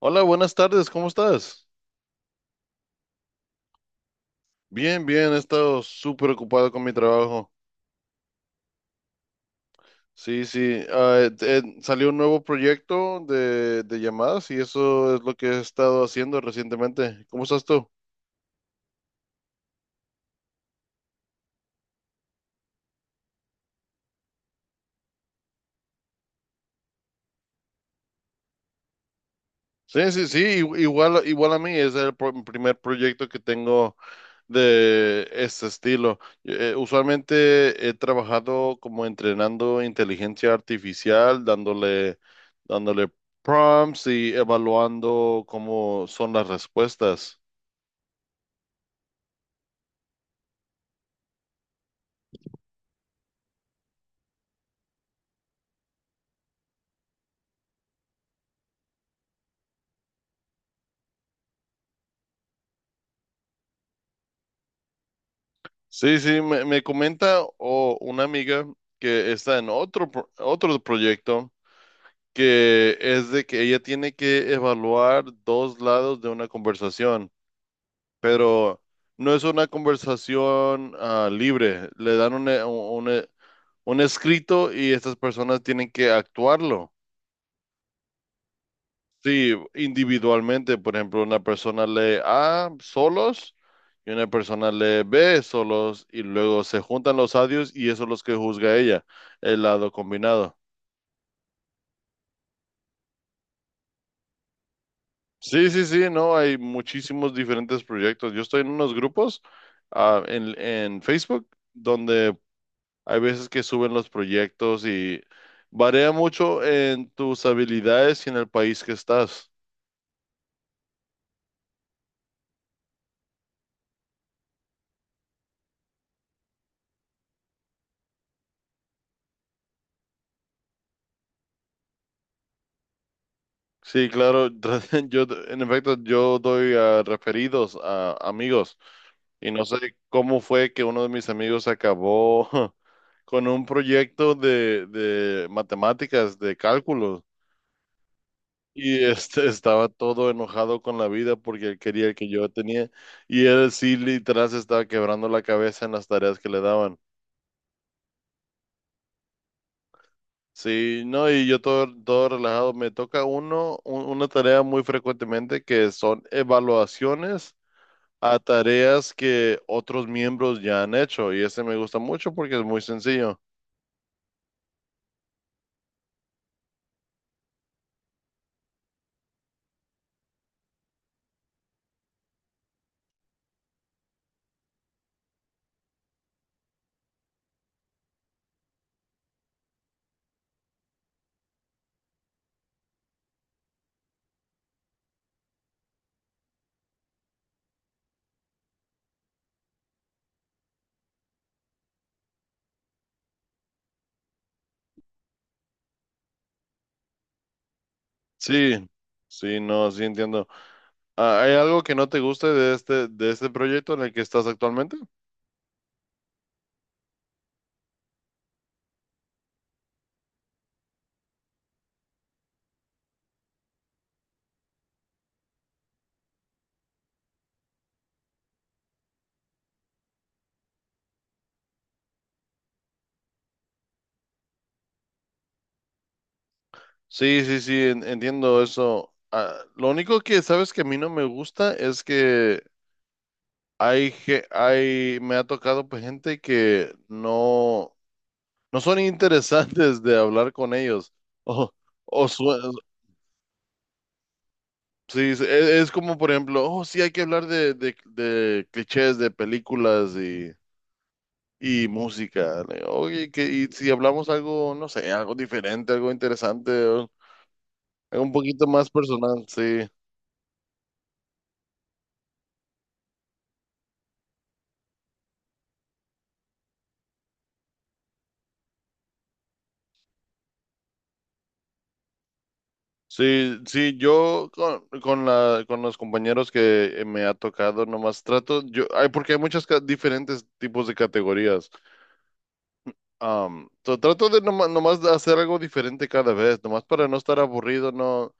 Hola, buenas tardes, ¿cómo estás? Bien, he estado súper ocupado con mi trabajo. Sí, sí, salió un nuevo proyecto de llamadas y eso es lo que he estado haciendo recientemente. ¿Cómo estás tú? Sí, sí, sí, igual a mí, es el primer proyecto que tengo de este estilo. Usualmente he trabajado como entrenando inteligencia artificial, dándole prompts y evaluando cómo son las respuestas. Sí, sí, me comenta o una amiga que está en otro, otro proyecto que es de que ella tiene que evaluar dos lados de una conversación. Pero no es una conversación libre. Le dan un escrito y estas personas tienen que actuarlo. Sí, individualmente, por ejemplo, una persona lee A solos y una persona lee B solos y luego se juntan los audios y eso es los que juzga ella, el lado combinado. Sí, sí, sí, no, hay muchísimos diferentes proyectos. Yo estoy en unos grupos en Facebook donde hay veces que suben los proyectos y varía mucho en tus habilidades y en el país que estás. Sí, claro, yo en efecto yo doy a referidos a amigos y no sé cómo fue que uno de mis amigos acabó con un proyecto de matemáticas, de cálculo y este estaba todo enojado con la vida porque él quería el que yo tenía y él sí literal se estaba quebrando la cabeza en las tareas que le daban. Sí, no, y yo todo relajado. Me toca uno, una tarea muy frecuentemente que son evaluaciones a tareas que otros miembros ya han hecho. Y este me gusta mucho porque es muy sencillo. Sí, sí, no, sí entiendo. Ah, ¿hay algo que no te guste de este proyecto en el que estás actualmente? Sí, sí, sí, entiendo eso. Ah, lo único que sabes que a mí no me gusta es que hay, me ha tocado pues, gente que no, no son interesantes de hablar con ellos. O, o sue- sí, sí, es, como por ejemplo, oh, sí, hay que hablar de clichés de películas y música. Le digo, oye, que, y si hablamos algo, no sé, algo diferente, algo interesante, o algo un poquito más personal, sí. Sí, sí, yo con los compañeros que me ha tocado, nomás trato, yo, hay, porque hay muchos diferentes tipos de categorías. Trato de nomás, de hacer algo diferente cada vez, nomás para no estar aburrido, no,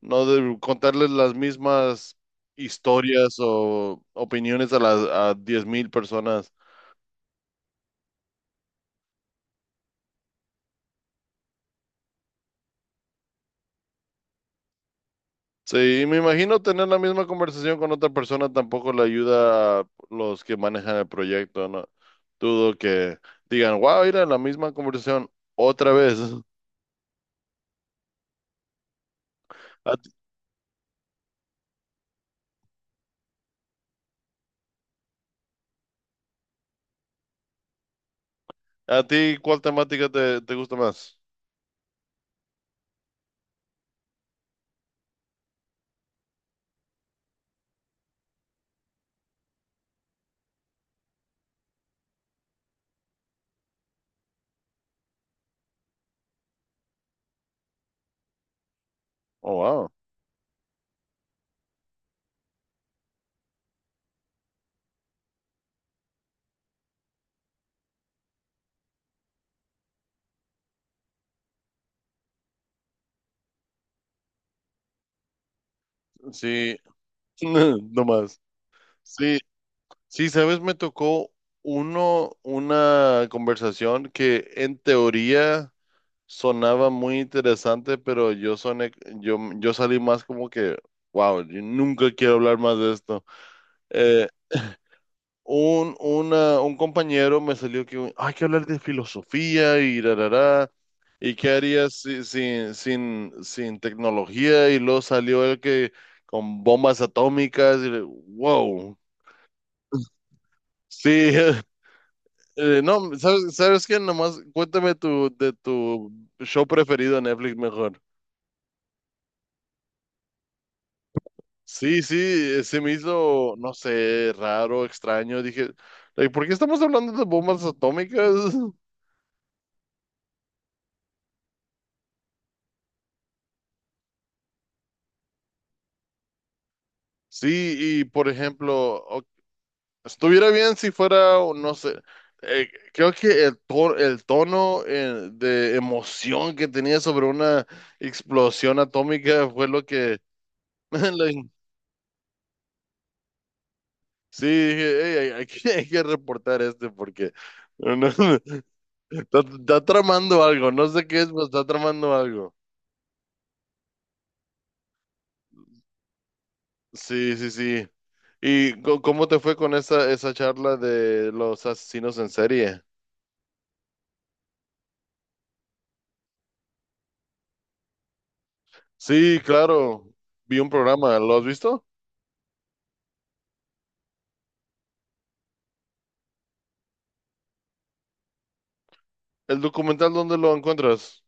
no de contarles las mismas historias o opiniones a las a 10.000 personas. Sí, me imagino tener la misma conversación con otra persona tampoco le ayuda a los que manejan el proyecto, ¿no? Dudo que digan, wow, era la misma conversación otra vez. ¿A, ti, a ti cuál temática te, te gusta más? Oh, wow. Sí, no más. Sí, sí, sabes, me tocó uno, una conversación que en teoría sonaba muy interesante, pero yo soné, yo salí más como que, wow, yo nunca quiero hablar más de esto. Eh, un, un compañero me salió que hay que hablar de filosofía y rarará. ¿Y qué harías sin tecnología? Y luego salió el que con bombas atómicas y le- wow. Sí, eh, no, ¿sabes, sabes qué? Nomás cuéntame tu, de tu show preferido en Netflix mejor. Sí, sí, se me hizo, no sé, raro, extraño. Dije, like, ¿por qué estamos hablando de bombas atómicas? Sí, y por ejemplo, o- estuviera bien si fuera, o no sé, eh, creo que el, el tono de emoción que tenía sobre una explosión atómica fue lo que like, sí, dije, "Ey, hay que, hay que reportar este porque no- no, está, está tramando algo, no sé qué es, pero está tramando algo. Sí, sí, sí. ¿Y cómo te fue con esa, esa charla de los asesinos en serie? Sí, claro, vi un programa, ¿lo has visto? ¿El documental dónde lo encuentras?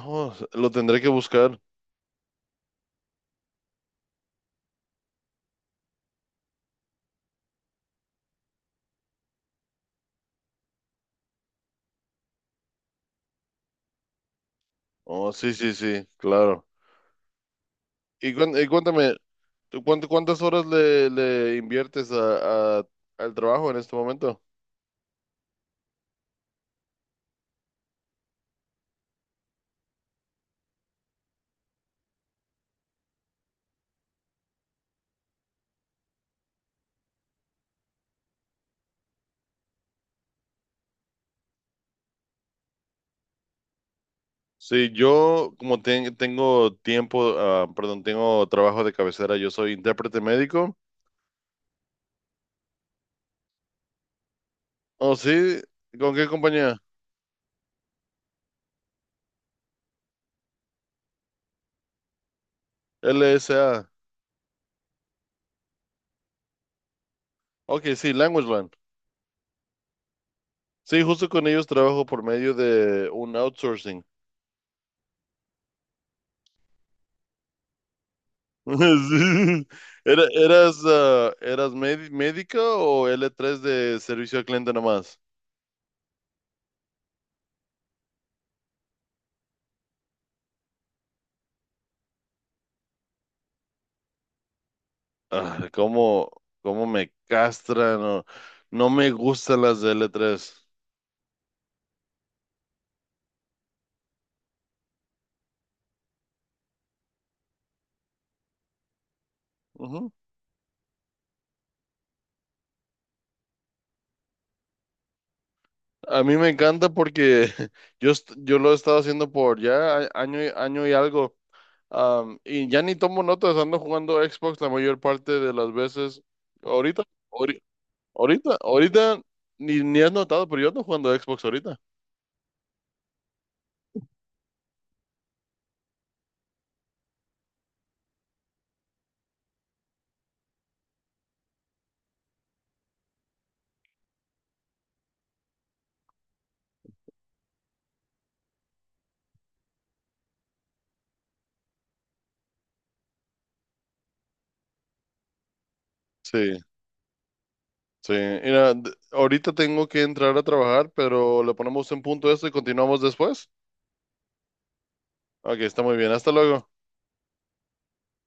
Oh, lo tendré que buscar. Oh, sí, sí, sí, claro. Y, y cuéntame, ¿cuántas horas le inviertes a- al trabajo en este momento? Sí, yo como tengo tiempo, ah, perdón, tengo trabajo de cabecera, yo soy intérprete médico. Oh, sí, ¿con qué compañía? LSA. Ok, sí, LanguageLand. Sí, justo con ellos trabajo por medio de un outsourcing. Sí. Era- ¿eras, ah, eras médica o l tres de servicio al cliente nomás? Ah, ¿cómo, cómo me castran? No, no me gustan las de l tres. A mí me encanta porque yo, yo lo he estado haciendo por ya año y, año y algo. Am, y ya ni tomo notas, ando jugando Xbox la mayor parte de las veces. Ahorita, ahori- ahorita, ni, ni has notado, pero yo ando jugando Xbox ahorita. Sí, sí. Mira, d- ahorita tengo que entrar a trabajar, pero le ponemos un punto a esto y continuamos después. Ok, está muy bien. Hasta luego.